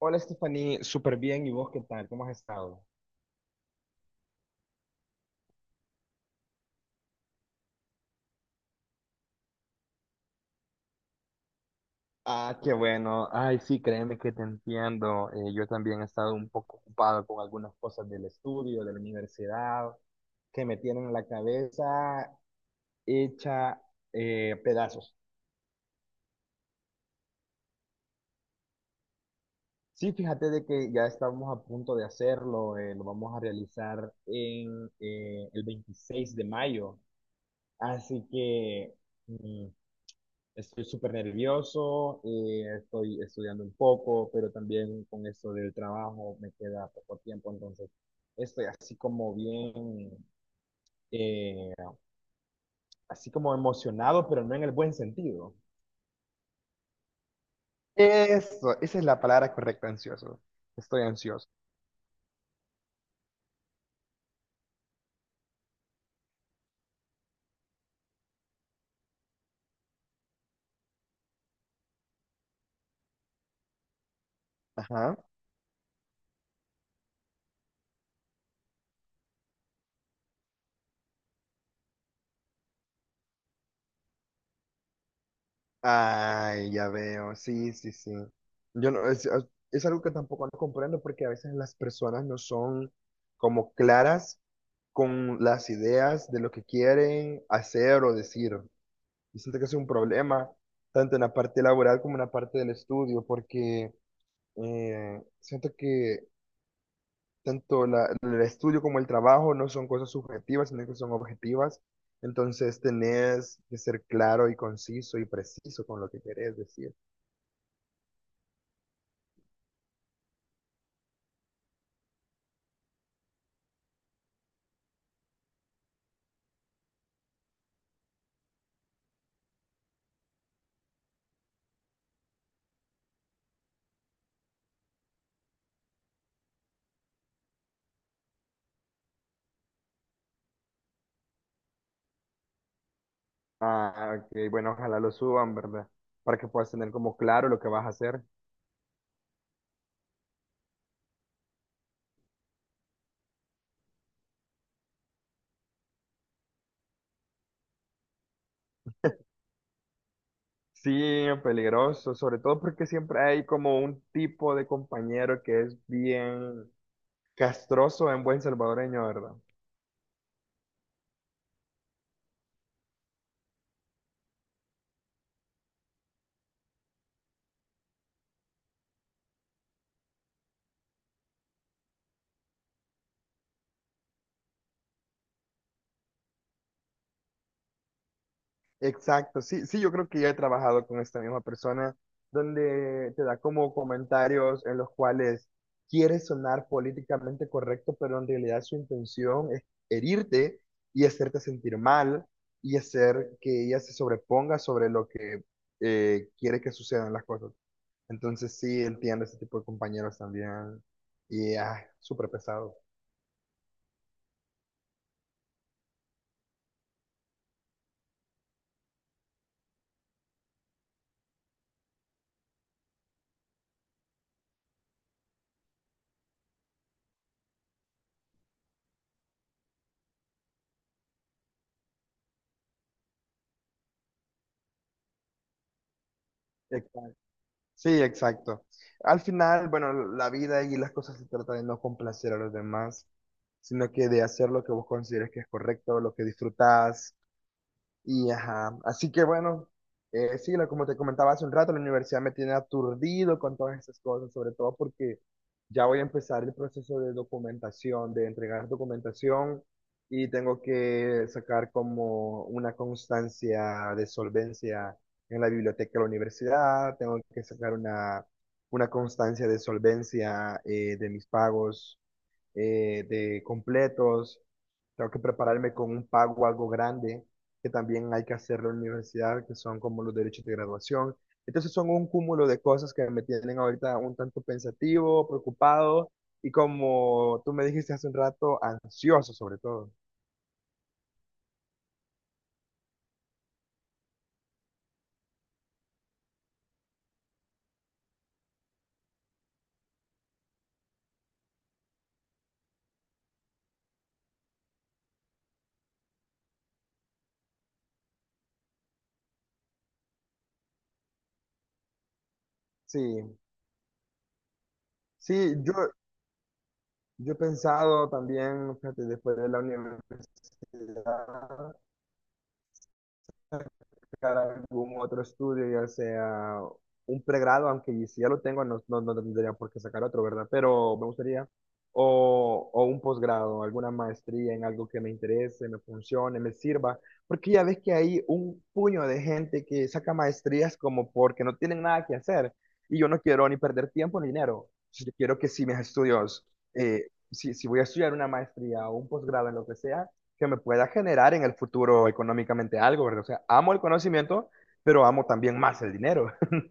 Hola, Stephanie, súper bien. ¿Y vos qué tal? ¿Cómo has estado? Ah, qué bueno. Ay, sí, créeme que te entiendo. Yo también he estado un poco ocupado con algunas cosas del estudio, de la universidad, que me tienen la cabeza hecha pedazos. Sí, fíjate de que ya estamos a punto de hacerlo. Lo vamos a realizar en el 26 de mayo. Así que, mm, estoy súper nervioso, estoy estudiando un poco, pero también con esto del trabajo me queda poco tiempo, entonces estoy así como bien, eh, así como emocionado, pero no en el buen sentido. Eso, esa es la palabra correcta, ansioso. Estoy ansioso. Ajá. Ay, ya veo. Sí, sí, sí. Yo no, es algo que tampoco no comprendo porque a veces las personas no son como claras con las ideas de lo que quieren hacer o decir. Y siento que es un problema, tanto en la parte laboral como en la parte del estudio, porque siento que el estudio como el trabajo no son cosas subjetivas, sino que son objetivas. Entonces tenés que ser claro y conciso y preciso con lo que querés decir. Ah, ok, bueno, ojalá lo suban, ¿verdad? Para que puedas tener como claro lo que vas a hacer. Sí, peligroso, sobre todo porque siempre hay como un tipo de compañero que es bien castroso en buen salvadoreño, ¿verdad? Exacto, sí, sí, yo creo que ya he trabajado con esta misma persona donde te da como comentarios en los cuales quiere sonar políticamente correcto, pero en realidad su intención es herirte y hacerte sentir mal y hacer que ella se sobreponga sobre lo que quiere que sucedan las cosas. Entonces sí entiendo ese tipo de compañeros también. Y ay, súper pesado. Exacto. Sí, exacto. Al final, bueno, la vida y las cosas se trata de no complacer a los demás, sino que de hacer lo que vos consideres que es correcto, lo que disfrutás. Y ajá, así que bueno, sí, como te comentaba hace un rato, la universidad me tiene aturdido con todas esas cosas, sobre todo porque ya voy a empezar el proceso de documentación, de entregar documentación y tengo que sacar como una constancia de solvencia en la biblioteca de la universidad, tengo que sacar una constancia de solvencia de mis pagos de completos, tengo que prepararme con un pago algo grande, que también hay que hacerlo en la universidad, que son como los derechos de graduación. Entonces son un cúmulo de cosas que me tienen ahorita un tanto pensativo, preocupado y como tú me dijiste hace un rato, ansioso sobre todo. Sí, sí, yo he pensado también, fíjate, después de la universidad, buscar algún otro estudio, ya sea un pregrado, aunque si ya lo tengo, no tendría por qué sacar otro, ¿verdad? Pero me gustaría, o un posgrado, alguna maestría en algo que me interese, me funcione, me sirva, porque ya ves que hay un puño de gente que saca maestrías como porque no tienen nada que hacer, y yo no quiero ni perder tiempo ni dinero. Yo quiero que si mis estudios, si voy a estudiar una maestría o un posgrado en lo que sea, que me pueda generar en el futuro económicamente algo, ¿verdad? O sea, amo el conocimiento, pero amo también más el dinero.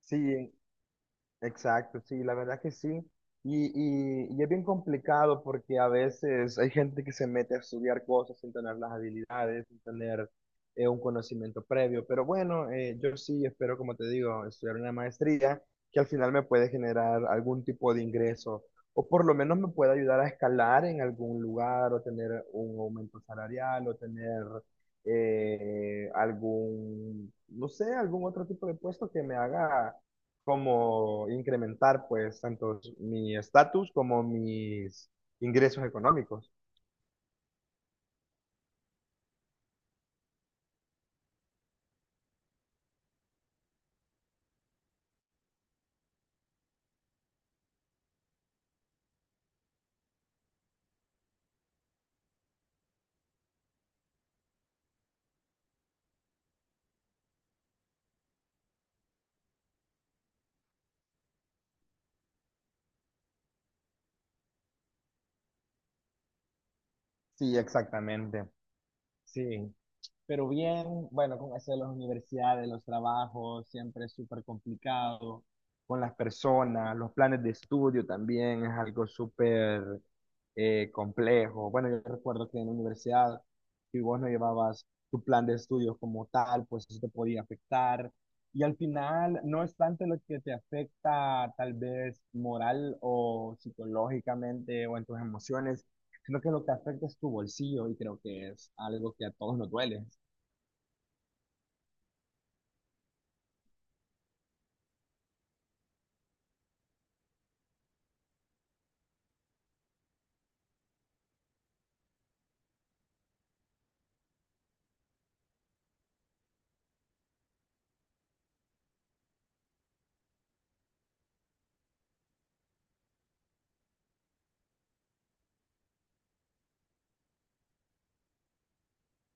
Sí, exacto, sí, la verdad que sí. Y es bien complicado porque a veces hay gente que se mete a estudiar cosas sin tener las habilidades, sin tener un conocimiento previo. Pero bueno, yo sí espero, como te digo, estudiar una maestría que al final me puede generar algún tipo de ingreso o por lo menos me puede ayudar a escalar en algún lugar o tener un aumento salarial o tener algún, no sé, algún otro tipo de puesto que me haga como incrementar pues tanto mi estatus como mis ingresos económicos. Sí, exactamente. Sí. Pero bien, bueno, con eso de las universidades, los trabajos, siempre es súper complicado. Con las personas, los planes de estudio también es algo súper complejo. Bueno, yo recuerdo que en la universidad, si vos no llevabas tu plan de estudios como tal, pues eso te podía afectar. Y al final, no es tanto lo que te afecta tal vez moral o psicológicamente o en tus emociones, sino que lo que afecta es tu bolsillo y creo que es algo que a todos nos duele.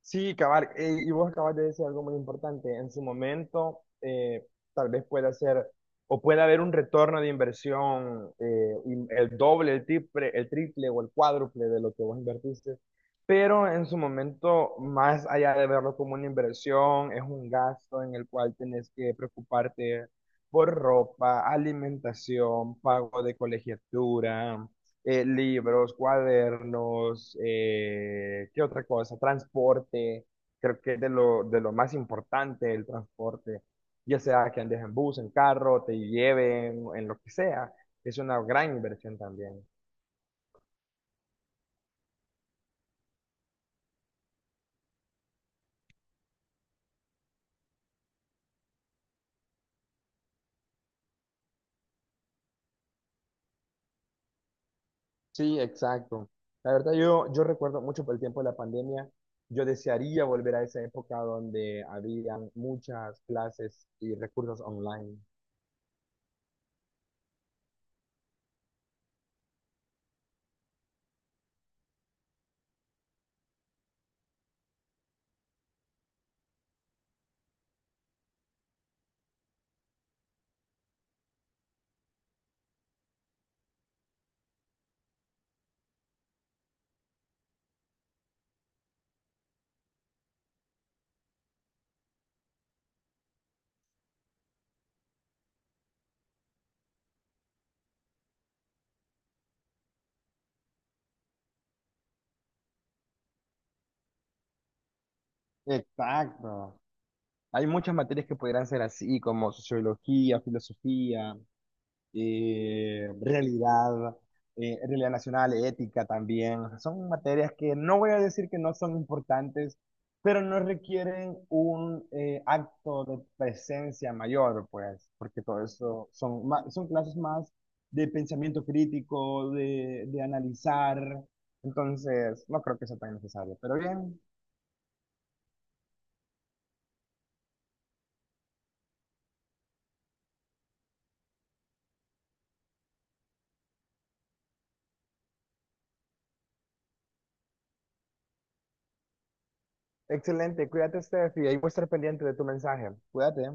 Sí, cabal, y vos acabas de decir algo muy importante. En su momento, tal vez pueda ser o puede haber un retorno de inversión, el doble, el triple o el cuádruple de lo que vos invertiste. Pero en su momento, más allá de verlo como una inversión, es un gasto en el cual tenés que preocuparte por ropa, alimentación, pago de colegiatura libros, cuadernos, ¿qué otra cosa? Transporte, creo que es de lo más importante el transporte, ya sea que andes en bus, en carro, te lleven, en lo que sea, es una gran inversión también. Sí, exacto. La verdad, yo recuerdo mucho por el tiempo de la pandemia, yo desearía volver a esa época donde habían muchas clases y recursos online. Exacto. Hay muchas materias que podrían ser así, como sociología, filosofía, eh, realidad, realidad nacional, ética también. O sea, son materias que no voy a decir que no son importantes, pero no requieren un acto de presencia mayor, pues, porque todo eso son, son clases más de pensamiento crítico, de analizar. Entonces, no creo que sea tan necesario, pero bien. Excelente, cuídate, Steph, y ahí voy a estar pendiente de tu mensaje. Cuídate.